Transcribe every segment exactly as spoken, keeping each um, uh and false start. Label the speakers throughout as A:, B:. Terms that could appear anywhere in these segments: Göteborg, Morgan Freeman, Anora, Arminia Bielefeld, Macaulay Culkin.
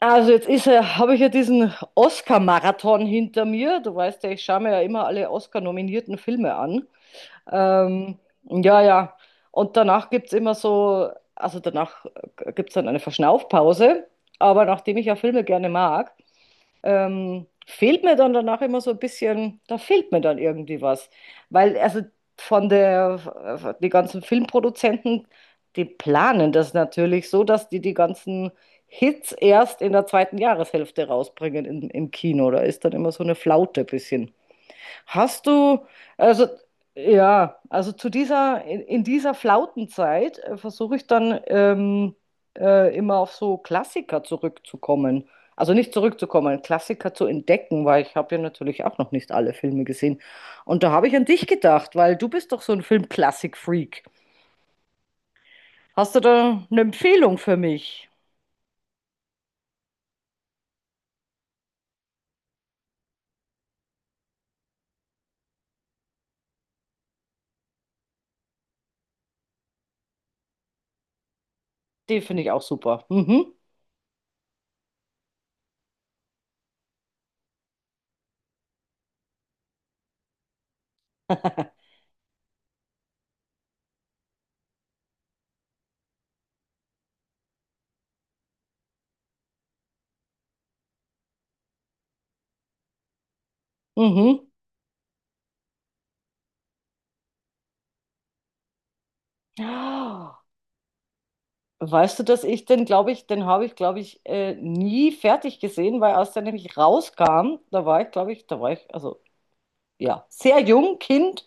A: Also jetzt ist ja, habe ich ja diesen Oscar-Marathon hinter mir. Du weißt ja, ich schaue mir ja immer alle Oscar-nominierten Filme an. Ähm, ja, ja. Und danach gibt es immer so, also danach gibt es dann eine Verschnaufpause. Aber nachdem ich ja Filme gerne mag, ähm, fehlt mir dann danach immer so ein bisschen, da fehlt mir dann irgendwie was. Weil also von der, die ganzen Filmproduzenten, die planen das natürlich so, dass die die ganzen Hits erst in der zweiten Jahreshälfte rausbringen im, im Kino. Da ist dann immer so eine Flaute ein bisschen. Hast du, also ja, also zu dieser, in, in dieser Flautenzeit äh, versuche ich dann ähm, äh, immer auf so Klassiker zurückzukommen. Also nicht zurückzukommen, Klassiker zu entdecken, weil ich habe ja natürlich auch noch nicht alle Filme gesehen. Und da habe ich an dich gedacht, weil du bist doch so ein Filmklassik-Freak. Hast du da eine Empfehlung für mich? Den finde ich auch super. Mhm. Mhm. Weißt du, dass ich den, glaube ich, den habe ich, glaube ich, äh, nie fertig gesehen, weil als der nämlich rauskam, da war ich, glaube ich, da war ich, also ja, sehr jung, Kind,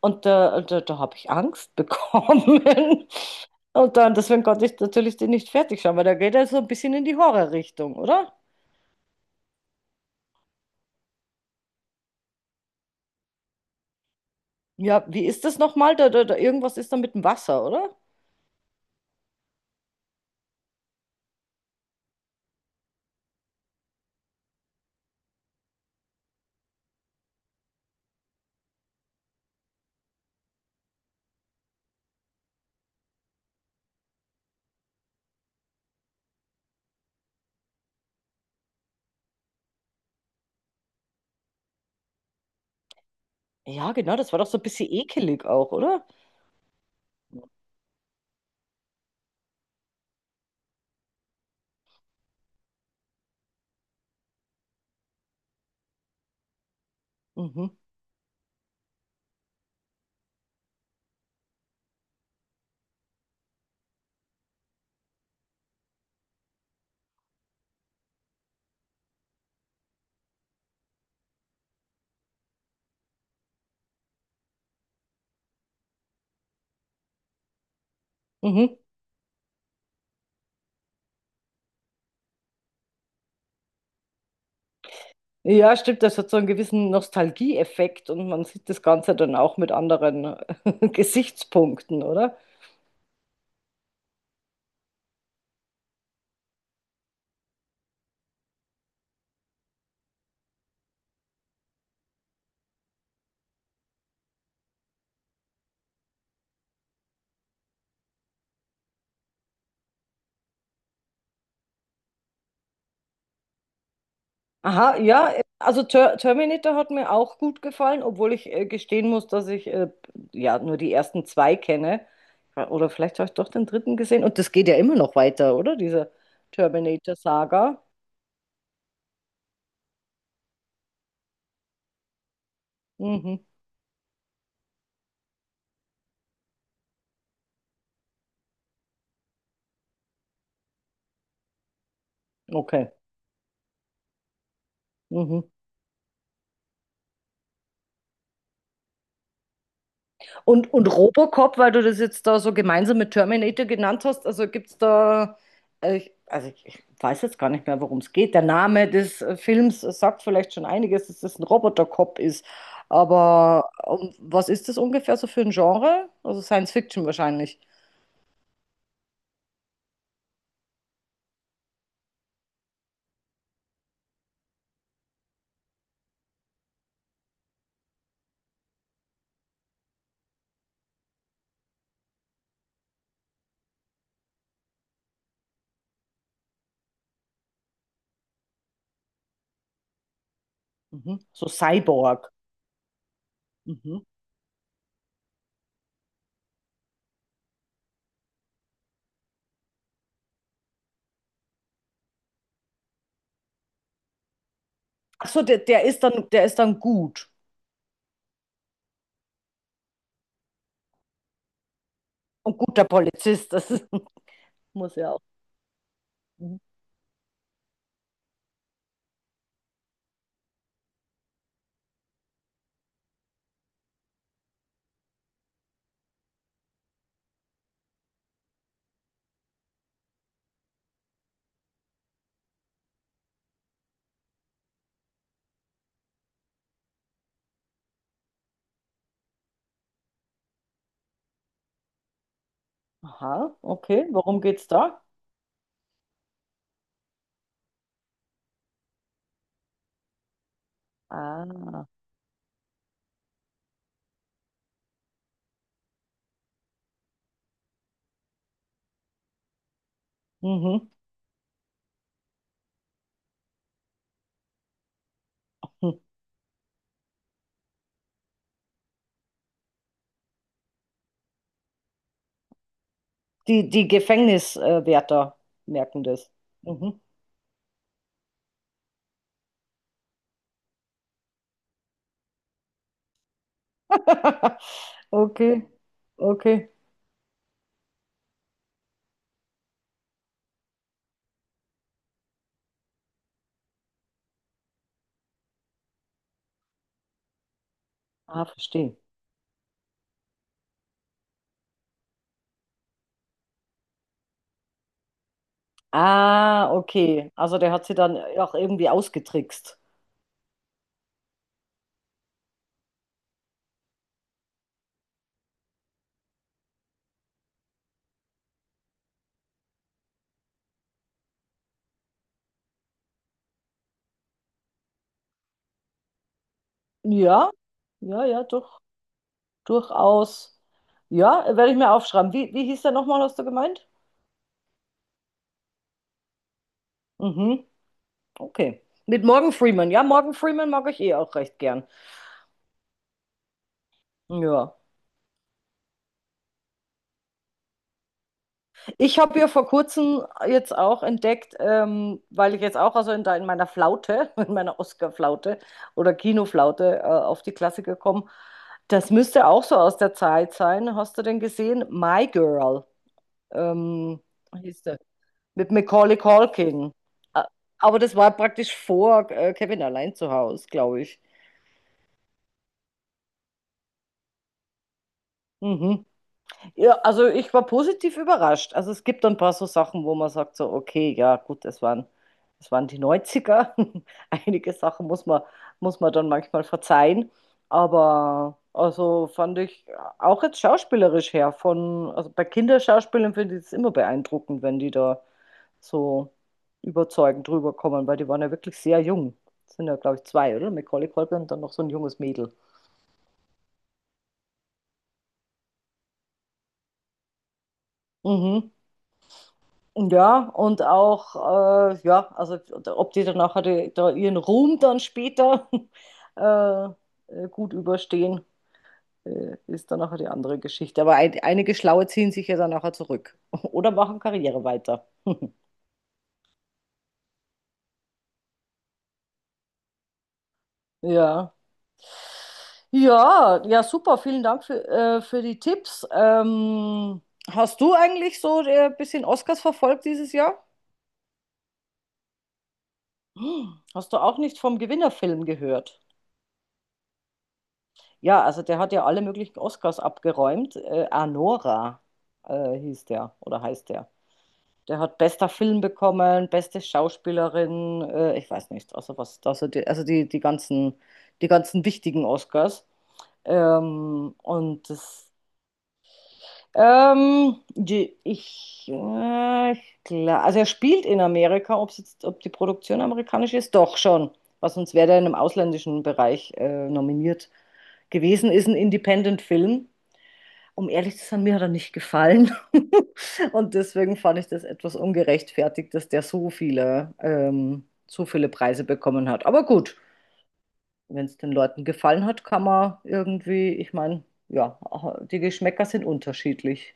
A: und da, da, da habe ich Angst bekommen. Und dann, deswegen konnte ich natürlich den nicht fertig schauen, weil da geht er so ein bisschen in die Horrorrichtung, oder? Ja, wie ist das nochmal? Da, da, da, irgendwas ist da mit dem Wasser, oder? Ja, genau, das war doch so ein bisschen ekelig auch, oder? Mhm. Mhm. Ja, stimmt, das hat so einen gewissen Nostalgieeffekt und man sieht das Ganze dann auch mit anderen Gesichtspunkten, oder? Aha, ja, äh, also Ter Terminator hat mir auch gut gefallen, obwohl ich äh, gestehen muss, dass ich äh, ja nur die ersten zwei kenne. Oder vielleicht habe ich doch den dritten gesehen und das geht ja immer noch weiter, oder? Diese Terminator-Saga. Mhm. Okay. Mhm. Und, und Robocop, weil du das jetzt da so gemeinsam mit Terminator genannt hast, also gibt es da, äh, ich- also ich, ich weiß jetzt gar nicht mehr, worum es geht. Der Name des äh, Films sagt vielleicht schon einiges, dass das ein Robotercop ist. Aber um, was ist das ungefähr so für ein Genre? Also Science Fiction wahrscheinlich. Mhm. So Cyborg. Mhm. Ach so, der, der ist dann, der ist dann gut. Und guter Polizist, das ist, muss ja auch. Mhm. Aha, okay, worum geht's da? Ah, mhm. Hm. Die, die Gefängniswärter merken das. Mhm. Okay, okay. Ah, verstehe. Ah, okay. Also der hat sie dann auch irgendwie ausgetrickst. Ja, ja, ja, doch, durchaus. Ja, werde ich mir aufschreiben. Wie, wie hieß der nochmal, hast du gemeint? Mhm, okay. Mit Morgan Freeman. Ja, Morgan Freeman mag ich eh auch recht gern. Ja. Ich habe ja vor kurzem jetzt auch entdeckt, ähm, weil ich jetzt auch also in, da in meiner Flaute, in meiner Oscar-Flaute oder Kinoflaute äh, auf die Klassiker komme, das müsste auch so aus der Zeit sein. Hast du denn gesehen? My Girl, ähm, hieß der, mit Macaulay Culkin. Ä- Aber das war praktisch vor äh, Kevin allein zu Hause, glaube ich. Mhm. Ja, also ich war positiv überrascht. Also es gibt ein paar so Sachen, wo man sagt so, okay, ja gut, es waren, es waren die Neunziger. Einige Sachen muss man, muss man dann manchmal verzeihen. Aber also fand ich auch jetzt schauspielerisch her von, also bei Kinderschauspielern finde ich es immer beeindruckend, wenn die da so überzeugend rüberkommen, weil die waren ja wirklich sehr jung. Das sind ja, glaube ich, zwei, oder? Macaulay Culkin und dann noch so ein junges Mädel. Mhm. Ja, und auch, äh, ja, also ob die dann nachher die, da ihren Ruhm dann später äh, äh, gut überstehen, äh, ist dann nachher die andere Geschichte. Aber ein, einige Schlaue ziehen sich ja dann nachher zurück oder machen Karriere weiter. Ja. Ja, ja, super. Vielen Dank für, äh, für die Tipps. Ähm, hast du eigentlich so ein bisschen Oscars verfolgt dieses Jahr? Hm, hast du auch nicht vom Gewinnerfilm gehört? Ja, also der hat ja alle möglichen Oscars abgeräumt. Äh, Anora äh, hieß der oder heißt der. Der hat bester Film bekommen, beste Schauspielerin, äh, ich weiß nicht, also was, also die, also die, die ganzen, die ganzen wichtigen Oscars. Ähm, und das, ähm, die, ich, äh, ich klar, also er spielt in Amerika, ob jetzt, ob die Produktion amerikanisch ist, doch schon. Was sonst wäre der in einem ausländischen Bereich äh, nominiert gewesen, ist ein Independent-Film, um ehrlich zu sein, mir hat er nicht gefallen. Und deswegen fand ich das etwas ungerechtfertigt, dass der so viele, ähm, so viele Preise bekommen hat. Aber gut, wenn es den Leuten gefallen hat, kann man irgendwie, ich meine, ja, die Geschmäcker sind unterschiedlich.